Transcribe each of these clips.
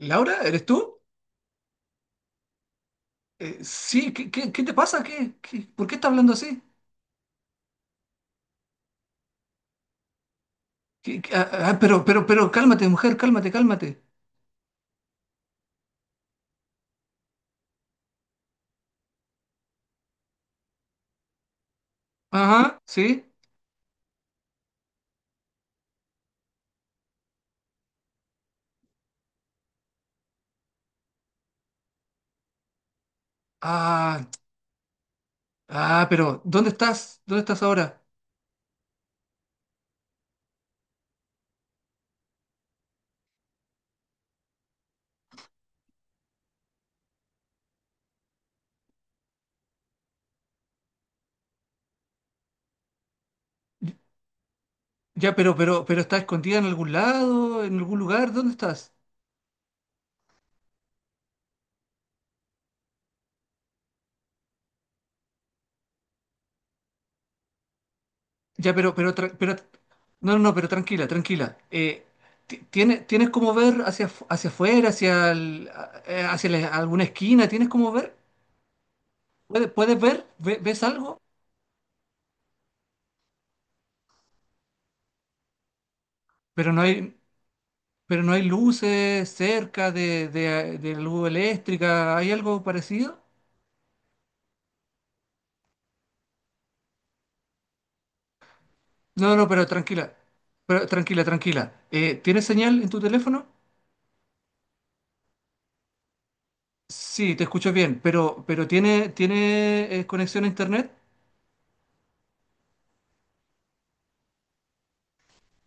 Laura, ¿eres tú? Sí, ¿ qué te pasa? ¿ por qué estás hablando así? Cálmate, mujer, cálmate, cálmate. Ajá, sí. Ah, pero, ¿dónde estás? ¿Dónde estás ahora? Ya, pero, ¿estás escondida en algún lado, en algún lugar? ¿Dónde estás? Ya, pero, no, no, no, pero tranquila, tranquila. Tienes cómo ver hacia, hacia afuera, hacia alguna esquina? ¿Tienes cómo ver? Puedes ver? ¿Ves algo? Pero no hay. Pero no hay luces cerca de luz eléctrica. ¿Hay algo parecido? No, no, pero tranquila. Pero tranquila, tranquila. ¿Tienes señal en tu teléfono? Sí, te escucho bien, pero tiene conexión a internet?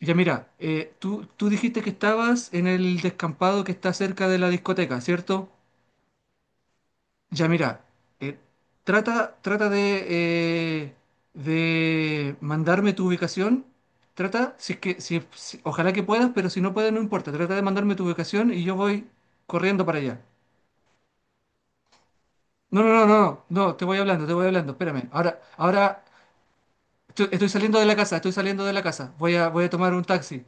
Ya mira, tú dijiste que estabas en el descampado que está cerca de la discoteca, ¿cierto? Ya mira, eh, trata eh, de mandarme tu ubicación. Trata, si es que, si ojalá que puedas, pero si no puedes, no importa. Trata de mandarme tu ubicación y yo voy corriendo para allá. No, no, no, no, no, no, te voy hablando, te voy hablando. Espérame. Ahora, ahora estoy saliendo de la casa, estoy saliendo de la casa. Voy a, voy a tomar un taxi.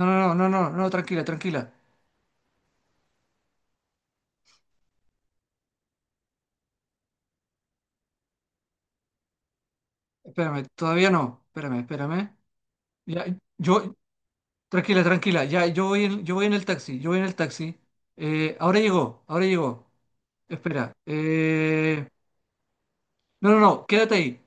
No, no, no, no, no, no, tranquila, tranquila. Espérame, todavía no. Espérame, espérame. Ya, yo, tranquila, tranquila. Ya, yo voy en el taxi, yo voy en el taxi. Ahora llegó, ahora llegó. Espera. No, no, no, quédate ahí.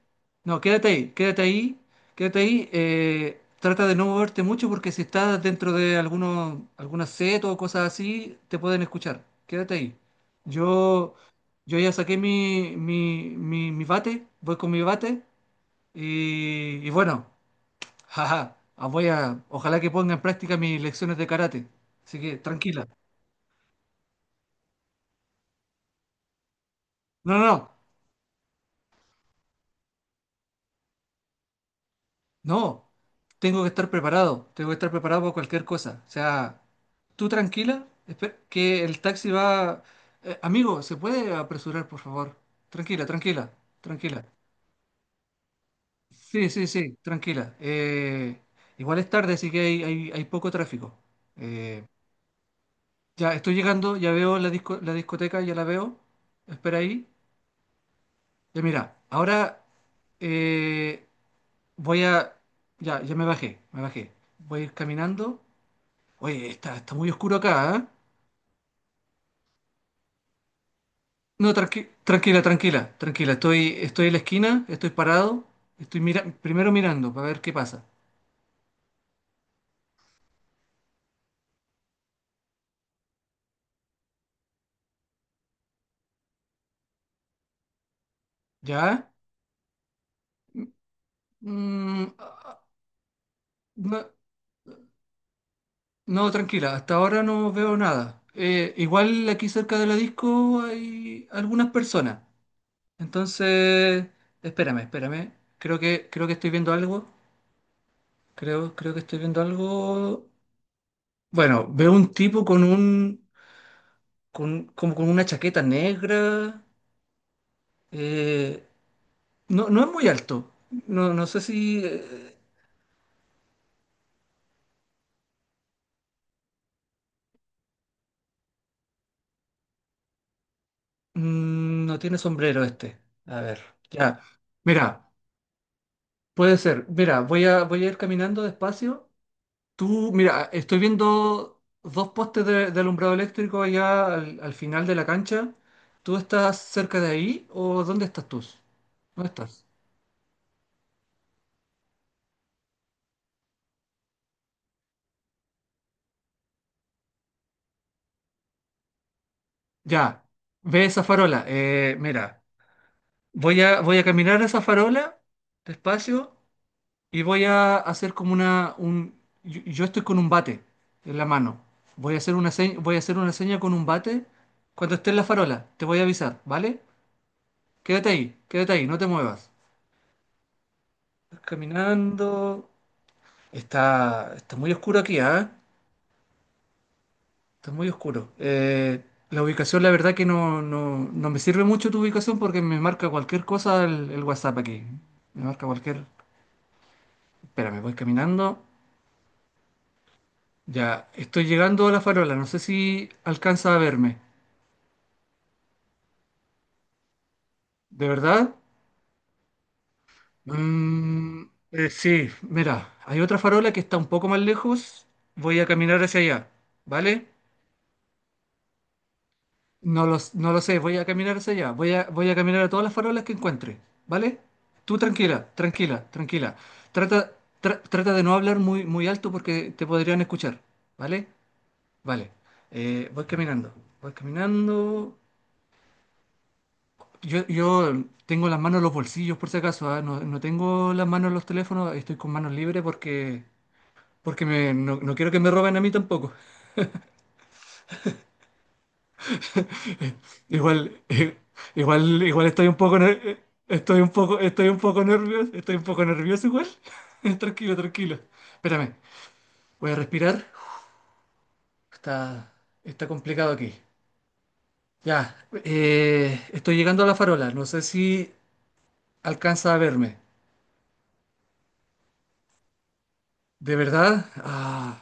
No, quédate ahí, quédate ahí, quédate ahí. Trata de no moverte mucho porque si estás dentro de algunos, alguna setas o cosas así, te pueden escuchar. Quédate ahí. Yo, yo ya saqué mi bate, voy con mi bate y bueno. Jaja, ah, voy a, ojalá que ponga en práctica mis lecciones de karate. Así que tranquila. No, no, no, no. Tengo que estar preparado. Tengo que estar preparado para cualquier cosa. O sea, tú tranquila, que el taxi va. Amigo, ¿se puede apresurar, por favor? Tranquila, tranquila, tranquila. Sí, sí, sí, tranquila. Igual es tarde, así que hay poco tráfico. Eh, ya estoy llegando, ya veo la la discoteca, ya la veo. Espera ahí. Ya mira, ahora eh, voy a... Ya, ya me bajé, me bajé. Voy a ir caminando. Oye, está muy oscuro acá, ¿eh? No, tranquila, tranquila, tranquila. Estoy en la esquina, estoy parado. Estoy mira primero mirando para ver qué pasa. ¿Ya? Mm, ah, no, no, tranquila, hasta ahora no veo nada. Igual aquí cerca de la disco hay algunas personas. Entonces, espérame, espérame. Creo que estoy viendo algo. Creo que estoy viendo algo. Bueno, veo un tipo con un, con, como con una chaqueta negra. eh, no, no es muy alto. No, no sé si no tiene sombrero este. A ver, ya. Mira, puede ser. Mira, voy a, voy a ir caminando despacio. Tú, mira, estoy viendo dos postes de alumbrado eléctrico allá al, al final de la cancha. ¿Tú estás cerca de ahí o dónde estás tú? ¿Dónde estás? Ya, ve esa farola. Mira, voy a, voy a caminar a esa farola despacio y voy a hacer como una... Un, yo estoy con un bate en la mano. Voy a hacer una seña, voy a hacer una seña con un bate cuando esté en la farola. Te voy a avisar, ¿vale? Quédate ahí, no te muevas. Caminando. Está muy oscuro aquí, ¿ah? Está muy oscuro. La ubicación, la verdad que no, no, no me sirve mucho tu ubicación porque me marca cualquier cosa el WhatsApp aquí. Me marca cualquier... Espera, me voy caminando. Ya, estoy llegando a la farola. No sé si alcanza a verme. ¿De verdad? Mm, sí, mira, hay otra farola que está un poco más lejos. Voy a caminar hacia allá. ¿Vale? No lo sé, voy a caminar hacia allá, voy a, voy a caminar a todas las farolas que encuentre, ¿vale? Tú tranquila, tranquila, tranquila. Trata, Trata de no hablar muy, muy alto porque te podrían escuchar, ¿vale? Vale. Voy caminando, voy caminando. Yo tengo las manos en los bolsillos por si acaso, ¿ah? No, no tengo las manos en los teléfonos, estoy con manos libres porque, no, no quiero que me roben a mí tampoco. Igual, igual estoy un poco, estoy un poco, estoy un poco nervioso, estoy un poco nervioso igual. Tranquilo, tranquilo. Espérame, voy a respirar. Está, está complicado aquí. Ya, estoy llegando a la farola. No sé si alcanza a verme. ¿De verdad? Ah,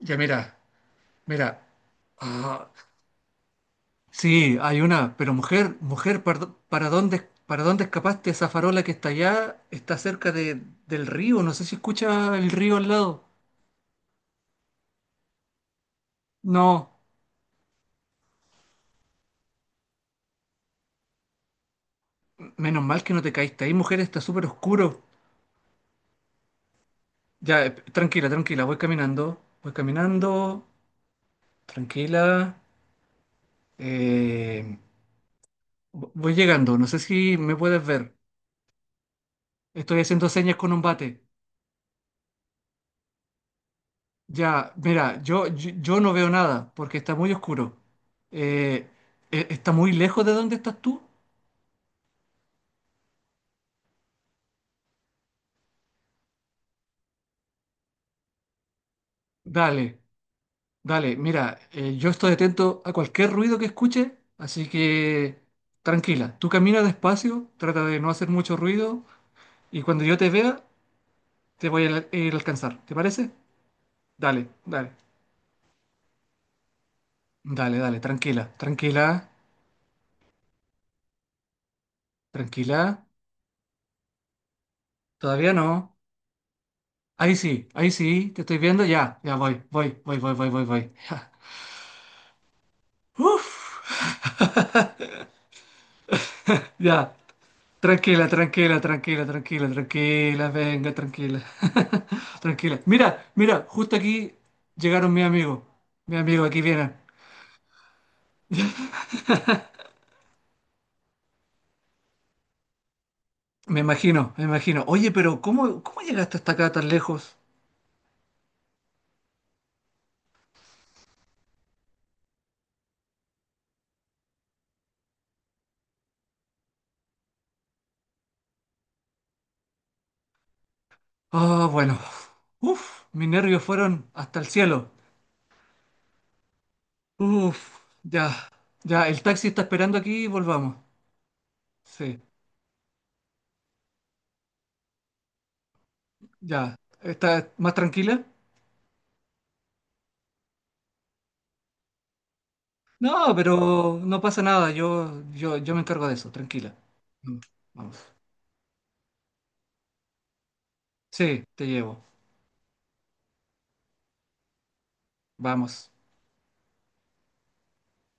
ya mira, mira. Ah, Sí, hay una, pero mujer, mujer, para dónde escapaste? Esa farola que está allá está cerca de, del río, no sé si escucha el río al lado. No, menos mal que no te caíste ahí, mujer, está súper oscuro. Ya, tranquila, tranquila, voy caminando, tranquila. eh, Voy llegando, no sé si me puedes ver. Estoy haciendo señas con un bate. Ya, mira, yo no veo nada porque está muy oscuro. Eh, ¿Está muy lejos de donde estás tú? Dale, dale, mira, yo estoy atento a cualquier ruido que escuche, así que tranquila, tú camina despacio, trata de no hacer mucho ruido y cuando yo te vea te voy a ir a alcanzar, ¿te parece? Dale, dale, dale, dale, tranquila, tranquila, tranquila, todavía no. Ahí sí, te estoy viendo, ya, ya voy, voy, voy, voy, voy, voy, voy. Uf. Ya, tranquila, tranquila, tranquila, tranquila, tranquila, venga, tranquila, tranquila. Mira, mira, justo aquí llegaron mis amigos. Mis amigos aquí vienen. Me imagino, me imagino. Oye, pero cómo llegaste hasta acá tan lejos? Ah, bueno. Uf, mis nervios fueron hasta el cielo. Uf, ya, ya, el taxi está esperando aquí volvamos. Sí, ya. ¿Estás más tranquila? No, pero no pasa nada. Yo me encargo de eso, tranquila. Vamos. Sí, te llevo. Vamos.